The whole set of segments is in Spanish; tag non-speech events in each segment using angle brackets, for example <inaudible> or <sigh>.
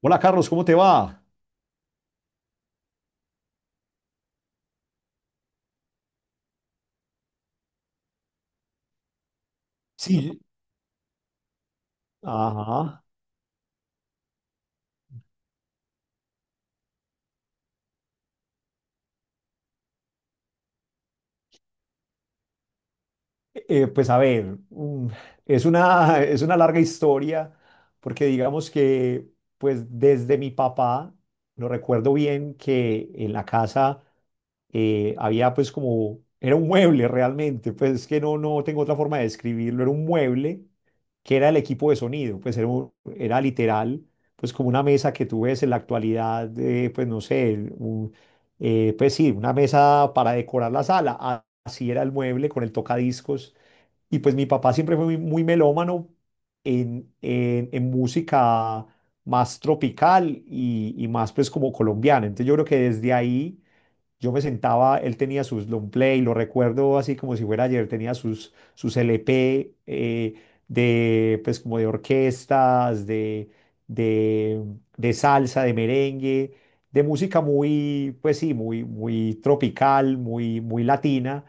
Hola Carlos, ¿cómo te va? Sí. Ajá. Eh, eh, pues a ver, mm, es una, <laughs> es una larga historia porque digamos que pues desde mi papá, lo recuerdo bien que en la casa había pues como, era un mueble realmente, pues es que no tengo otra forma de describirlo, era un mueble que era el equipo de sonido, pues era, era literal, pues como una mesa que tú ves en la actualidad, pues no sé, pues sí, una mesa para decorar la sala, así era el mueble con el tocadiscos, y pues mi papá siempre fue muy, muy melómano en música más tropical y más pues como colombiana, entonces yo creo que desde ahí yo me sentaba, él tenía sus long play, lo recuerdo así como si fuera ayer, tenía sus LP, pues como de orquestas, de, de salsa, de merengue, de música muy, pues sí, muy, muy tropical, muy, muy latina.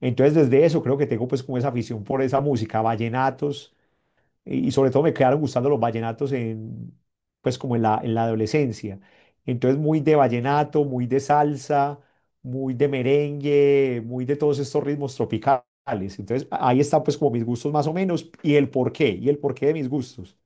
Entonces desde eso creo que tengo pues como esa afición por esa música, vallenatos, y sobre todo me quedaron gustando los vallenatos pues como en la adolescencia. Entonces muy de vallenato, muy de salsa, muy de merengue, muy de todos estos ritmos tropicales. Entonces ahí están pues como mis gustos más o menos y el porqué de mis gustos.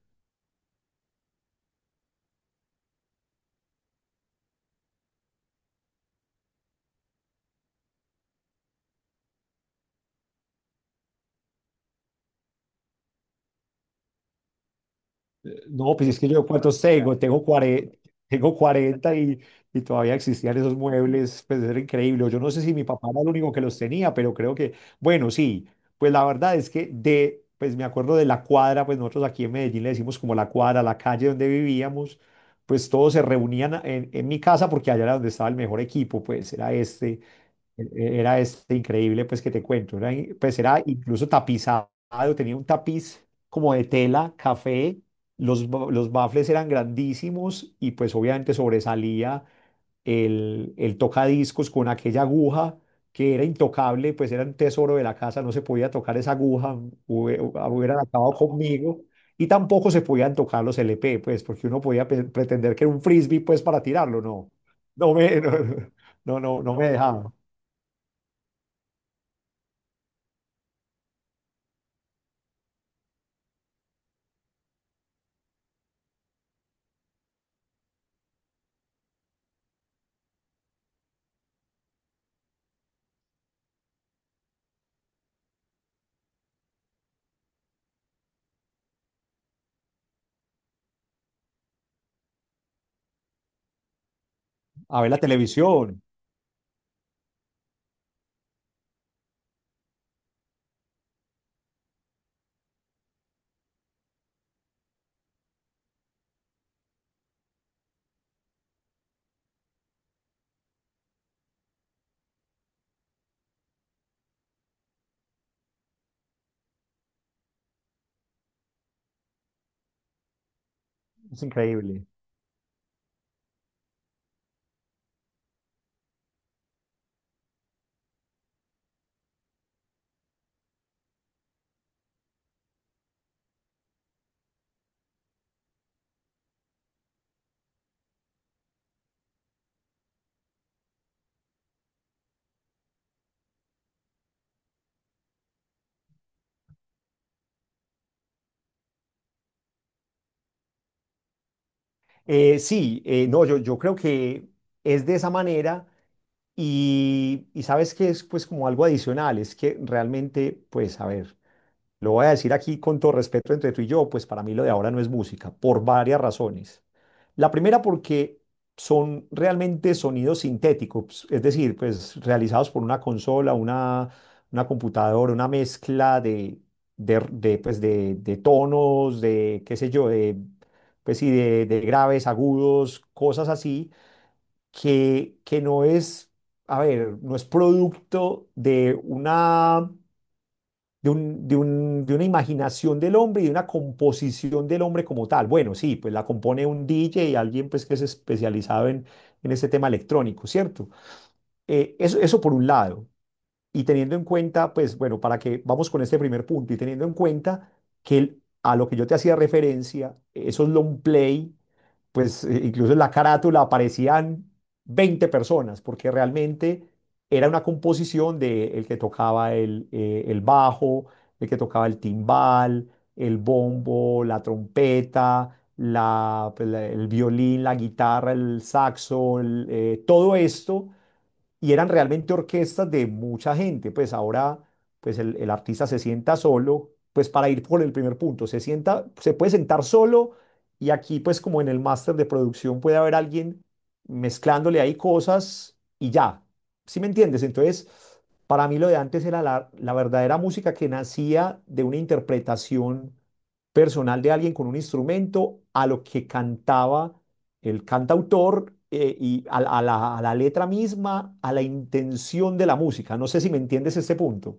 No, pues es que yo cuántos tengo, tengo 40, tengo cuarenta, y todavía existían esos muebles, pues era increíble. O yo no sé si mi papá era el único que los tenía, pero creo que, bueno, sí, pues la verdad es que pues me acuerdo de la cuadra, pues nosotros aquí en Medellín le decimos como la cuadra, la calle donde vivíamos, pues todos se reunían en mi casa porque allá era donde estaba el mejor equipo, pues era era este increíble, pues que te cuento, era, pues era incluso tapizado, tenía un tapiz como de tela, café, los baffles eran grandísimos y pues obviamente sobresalía el tocadiscos con aquella aguja que era intocable, pues era un tesoro de la casa, no se podía tocar esa aguja, hubie- hubieran acabado conmigo. Y tampoco se podían tocar los LP, pues, porque uno podía pretender que era un frisbee, pues, para tirarlo, no. No me, <laughs> no, no, no, no me dejaba. A ver la televisión. Es increíble. Sí, no, yo creo que es de esa manera y sabes que es pues como algo adicional, es que realmente, pues a ver, lo voy a decir aquí con todo respeto entre tú y yo, pues para mí lo de ahora no es música, por varias razones. La primera porque son realmente sonidos sintéticos, es decir, pues realizados por una consola, una computadora, una mezcla pues, de tonos, de qué sé yo, de, pues, sí, de graves, agudos, cosas así, que no es, a ver, no es producto de una de una imaginación del hombre y de una composición del hombre como tal. Bueno, sí, pues la compone un DJ y alguien pues que es especializado en este tema electrónico, ¿cierto? Eso por un lado. Y teniendo en cuenta, pues bueno, para que vamos con este primer punto y teniendo en cuenta que a lo que yo te hacía referencia, esos long play, pues incluso en la carátula aparecían 20 personas, porque realmente era una composición de el que tocaba el bajo, el que tocaba el timbal, el bombo, la trompeta, la, pues, el violín, la guitarra, el saxo, todo esto, y eran realmente orquestas de mucha gente. Pues ahora, pues el artista se sienta solo, pues para ir por el primer punto, se sienta, se puede sentar solo y aquí pues como en el máster de producción puede haber alguien mezclándole ahí cosas y ya. ¿Sí me entiendes? Entonces, para mí lo de antes era la verdadera música que nacía de una interpretación personal de alguien con un instrumento a lo que cantaba el cantautor, y a la letra misma, a la intención de la música. No sé si me entiendes este punto.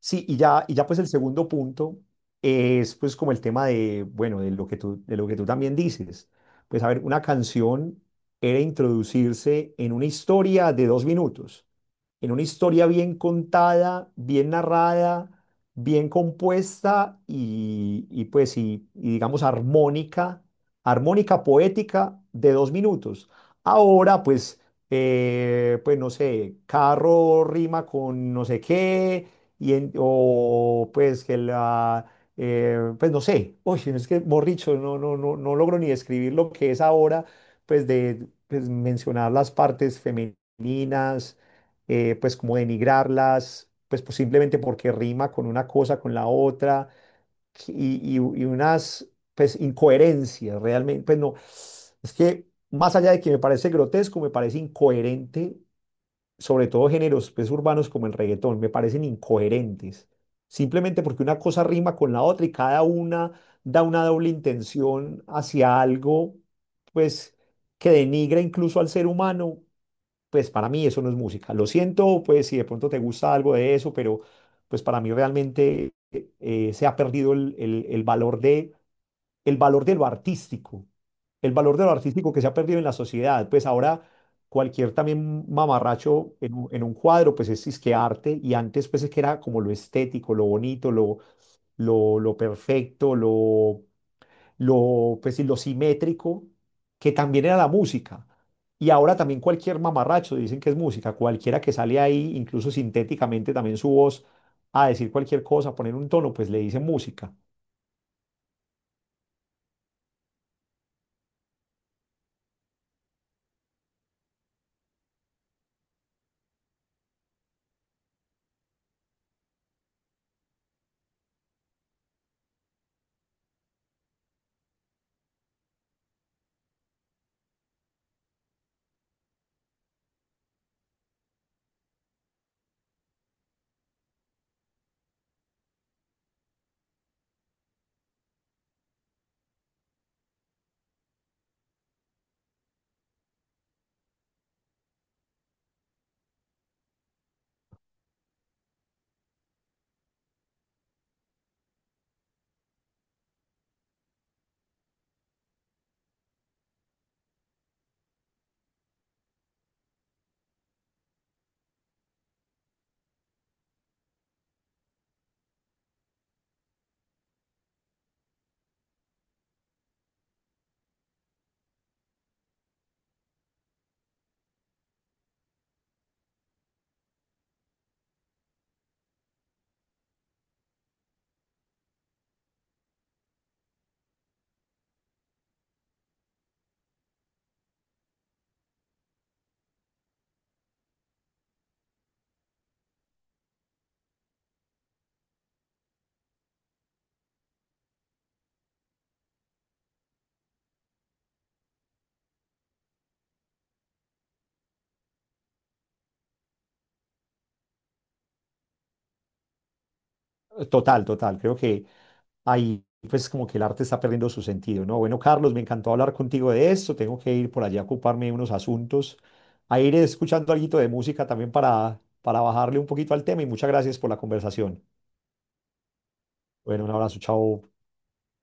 Sí, y ya pues el segundo punto es pues como el tema de, bueno, de lo que tú, de lo que tú también dices. Pues a ver, una canción era introducirse en una historia de 2 minutos, en una historia bien contada, bien narrada, bien compuesta y pues y digamos armónica, armónica poética de 2 minutos. Ahora pues, pues no sé, carro rima con no sé qué y o pues que pues no sé, uy, es que borricho, no, no, no, no logro ni describir lo que es ahora, pues de pues, mencionar las partes femeninas, pues como denigrarlas, pues, pues simplemente porque rima con una cosa, con la otra, y, y unas pues incoherencias realmente, pues no, es que más allá de que me parece grotesco, me parece incoherente sobre todo géneros pues, urbanos como el reggaetón, me parecen incoherentes. Simplemente porque una cosa rima con la otra y cada una da una doble intención hacia algo, pues, que denigra incluso al ser humano, pues para mí eso no es música. Lo siento, pues, si de pronto te gusta algo de eso, pero pues para mí realmente se ha perdido el valor de lo artístico, el valor de lo artístico que se ha perdido en la sociedad. Pues ahora cualquier también mamarracho un en un cuadro, pues es que arte, y antes pues es que era como lo estético, lo bonito, lo perfecto, pues, sí, lo simétrico, que también era la música. Y ahora también cualquier mamarracho dicen que es música, cualquiera que sale ahí, incluso sintéticamente también su voz, a decir cualquier cosa, poner un tono, pues le dicen música. Total, total. Creo que ahí pues como que el arte está perdiendo su sentido, ¿no? Bueno, Carlos, me encantó hablar contigo de esto, tengo que ir por allá a ocuparme de unos asuntos, a ir escuchando algo de música también para bajarle un poquito al tema y muchas gracias por la conversación. Bueno, un abrazo, chao.